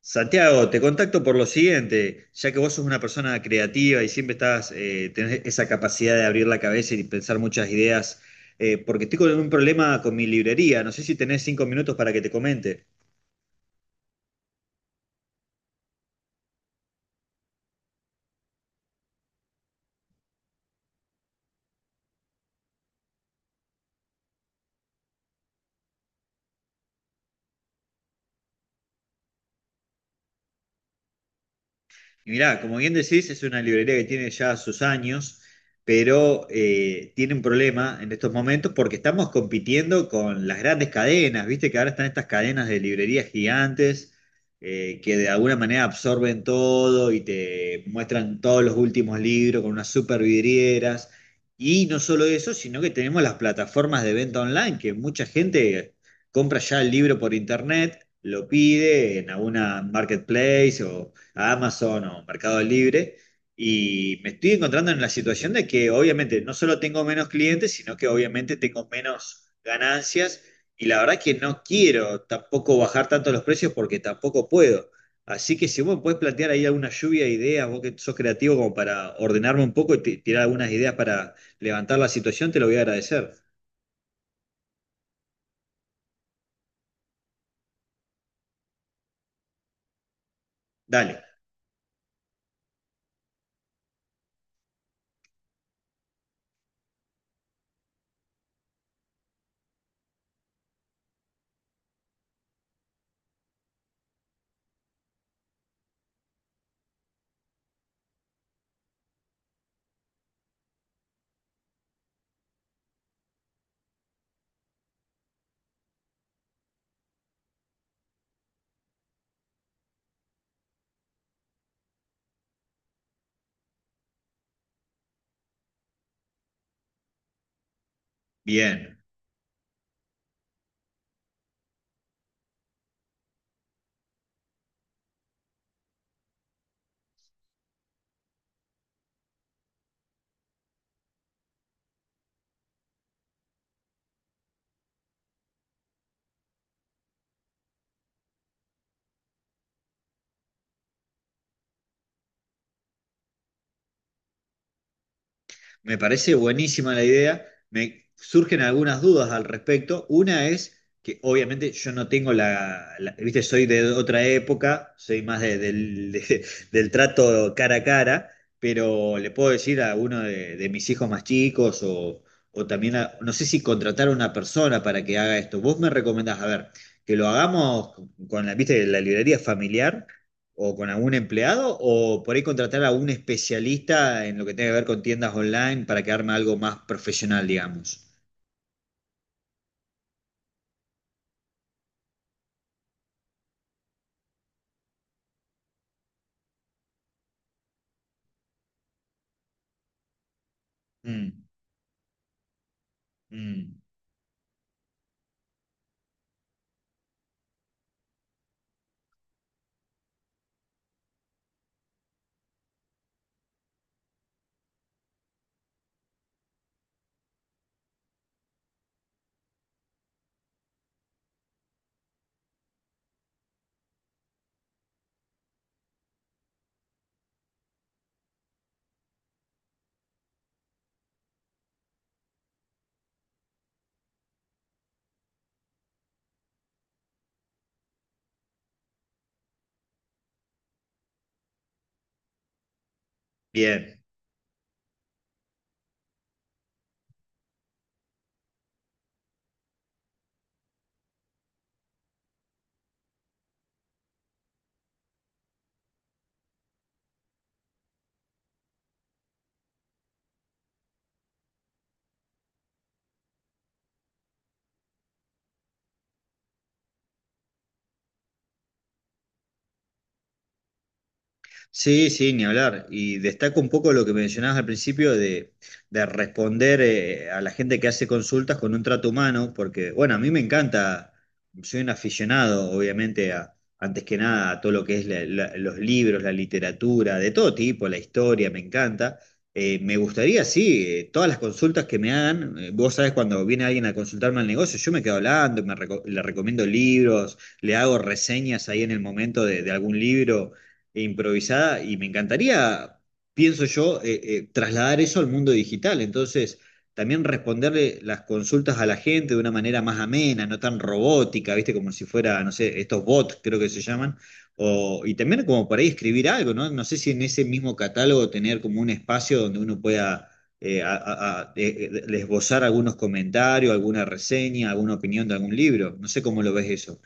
Santiago, te contacto por lo siguiente, ya que vos sos una persona creativa y siempre estás, tenés esa capacidad de abrir la cabeza y pensar muchas ideas, porque estoy con un problema con mi librería, no sé si tenés 5 minutos para que te comente. Y mirá, como bien decís, es una librería que tiene ya sus años, pero tiene un problema en estos momentos porque estamos compitiendo con las grandes cadenas, viste que ahora están estas cadenas de librerías gigantes que de alguna manera absorben todo y te muestran todos los últimos libros con unas super vidrieras. Y no solo eso, sino que tenemos las plataformas de venta online, que mucha gente compra ya el libro por internet, lo pide en alguna marketplace o a Amazon o Mercado Libre. Y me estoy encontrando en la situación de que obviamente no solo tengo menos clientes, sino que obviamente tengo menos ganancias. Y la verdad que no quiero tampoco bajar tanto los precios porque tampoco puedo. Así que si vos me podés plantear ahí alguna lluvia de ideas, vos que sos creativo como para ordenarme un poco y tirar algunas ideas para levantar la situación, te lo voy a agradecer. Dale, bien. Me parece buenísima la idea. Me surgen algunas dudas al respecto. Una es que obviamente yo no tengo viste, soy de otra época, soy más del trato cara a cara, pero le puedo decir a uno de mis hijos más chicos o también, no sé si contratar a una persona para que haga esto. Vos me recomendás, a ver, que lo hagamos con la, viste, la librería familiar o con algún empleado o por ahí contratar a un especialista en lo que tenga que ver con tiendas online para que arme algo más profesional, digamos. Mm, mm, bien. Sí, sí, ni hablar. Y destaco un poco lo que mencionabas al principio de responder a la gente que hace consultas con un trato humano, porque, bueno, a mí me encanta, soy un aficionado, obviamente, a, antes que nada, a todo lo que es los libros, la literatura, de todo tipo, la historia, me encanta. Me gustaría, sí, todas las consultas que me hagan, vos sabés, cuando viene alguien a consultarme al negocio, yo me quedo hablando, le recomiendo libros, le hago reseñas ahí en el momento de algún libro e improvisada y me encantaría, pienso yo, trasladar eso al mundo digital. Entonces, también responderle las consultas a la gente de una manera más amena, no tan robótica, ¿viste? Como si fuera, no sé, estos bots creo que se llaman. O, y también como por ahí escribir algo, ¿no? No sé si en ese mismo catálogo tener como un espacio donde uno pueda... esbozar algunos comentarios, alguna reseña, alguna opinión de algún libro. No sé cómo lo ves eso.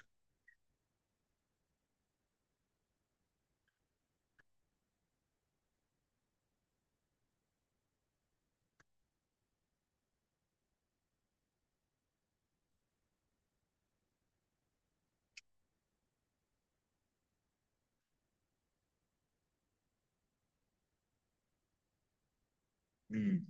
Mm,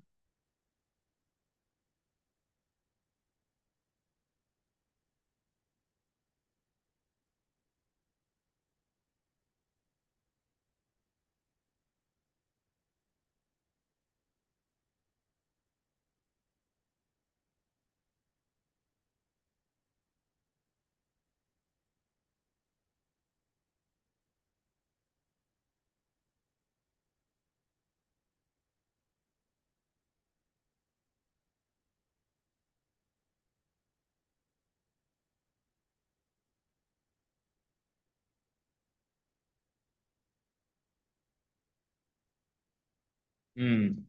mm.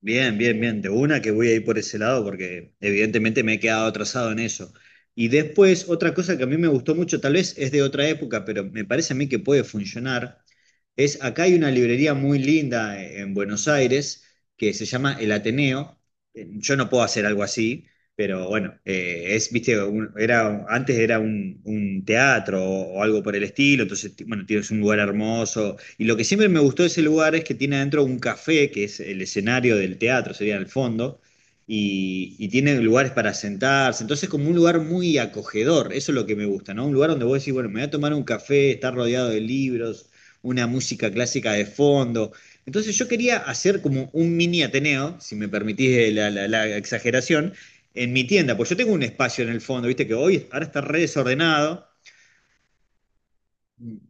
Bien, bien, bien. De una que voy a ir por ese lado porque evidentemente me he quedado atrasado en eso. Y después, otra cosa que a mí me gustó mucho, tal vez es de otra época, pero me parece a mí que puede funcionar, es acá hay una librería muy linda en Buenos Aires que se llama El Ateneo. Yo no puedo hacer algo así, pero bueno, es, viste, era, antes era un teatro o algo por el estilo, entonces, bueno, tienes un lugar hermoso. Y lo que siempre me gustó de ese lugar es que tiene adentro un café, que es el escenario del teatro, sería el fondo, y tiene lugares para sentarse. Entonces, como un lugar muy acogedor, eso es lo que me gusta, ¿no? Un lugar donde vos decís, bueno, me voy a tomar un café, estar rodeado de libros, una música clásica de fondo. Entonces yo quería hacer como un mini Ateneo, si me permitís la la exageración, en mi tienda, pues yo tengo un espacio en el fondo, viste que hoy ahora está re desordenado, mm,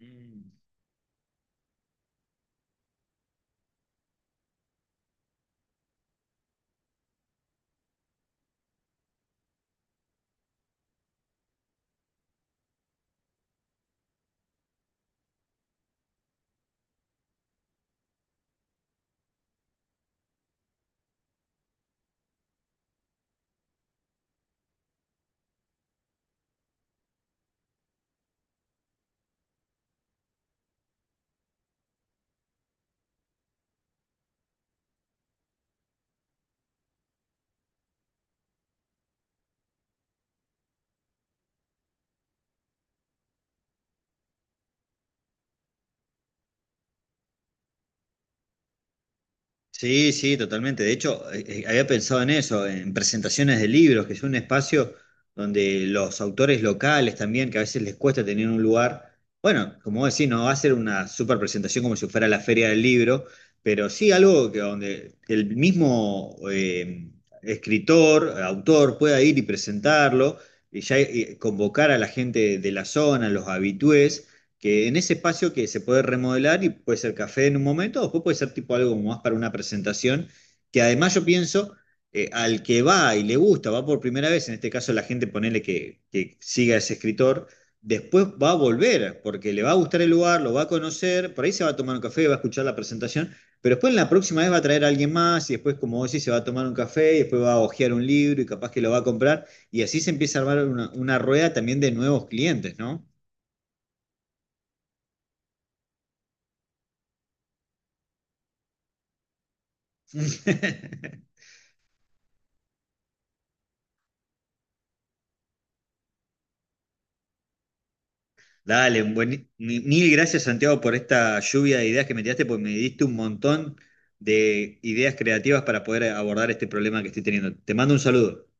mm, sí, sí, totalmente. De hecho, había pensado en eso, en presentaciones de libros, que es un espacio donde los autores locales también, que a veces les cuesta tener un lugar, bueno, como vos decís, no va a ser una super presentación como si fuera la feria del libro, pero sí algo que donde el mismo escritor, autor, pueda ir y presentarlo, y ya convocar a la gente de la zona, los habitués que en ese espacio que se puede remodelar y puede ser café en un momento, o después puede ser tipo algo más para una presentación, que además yo pienso, al que va y le gusta, va por primera vez, en este caso la gente ponele que siga a ese escritor, después va a volver, porque le va a gustar el lugar, lo va a conocer, por ahí se va a tomar un café, va a escuchar la presentación, pero después en la próxima vez va a traer a alguien más y después, como vos decís, se va a tomar un café y después va a hojear un libro y capaz que lo va a comprar y así se empieza a armar una rueda también de nuevos clientes, ¿no? Dale, mil gracias Santiago por esta lluvia de ideas que me tiraste, porque me diste un montón de ideas creativas para poder abordar este problema que estoy teniendo. Te mando un saludo.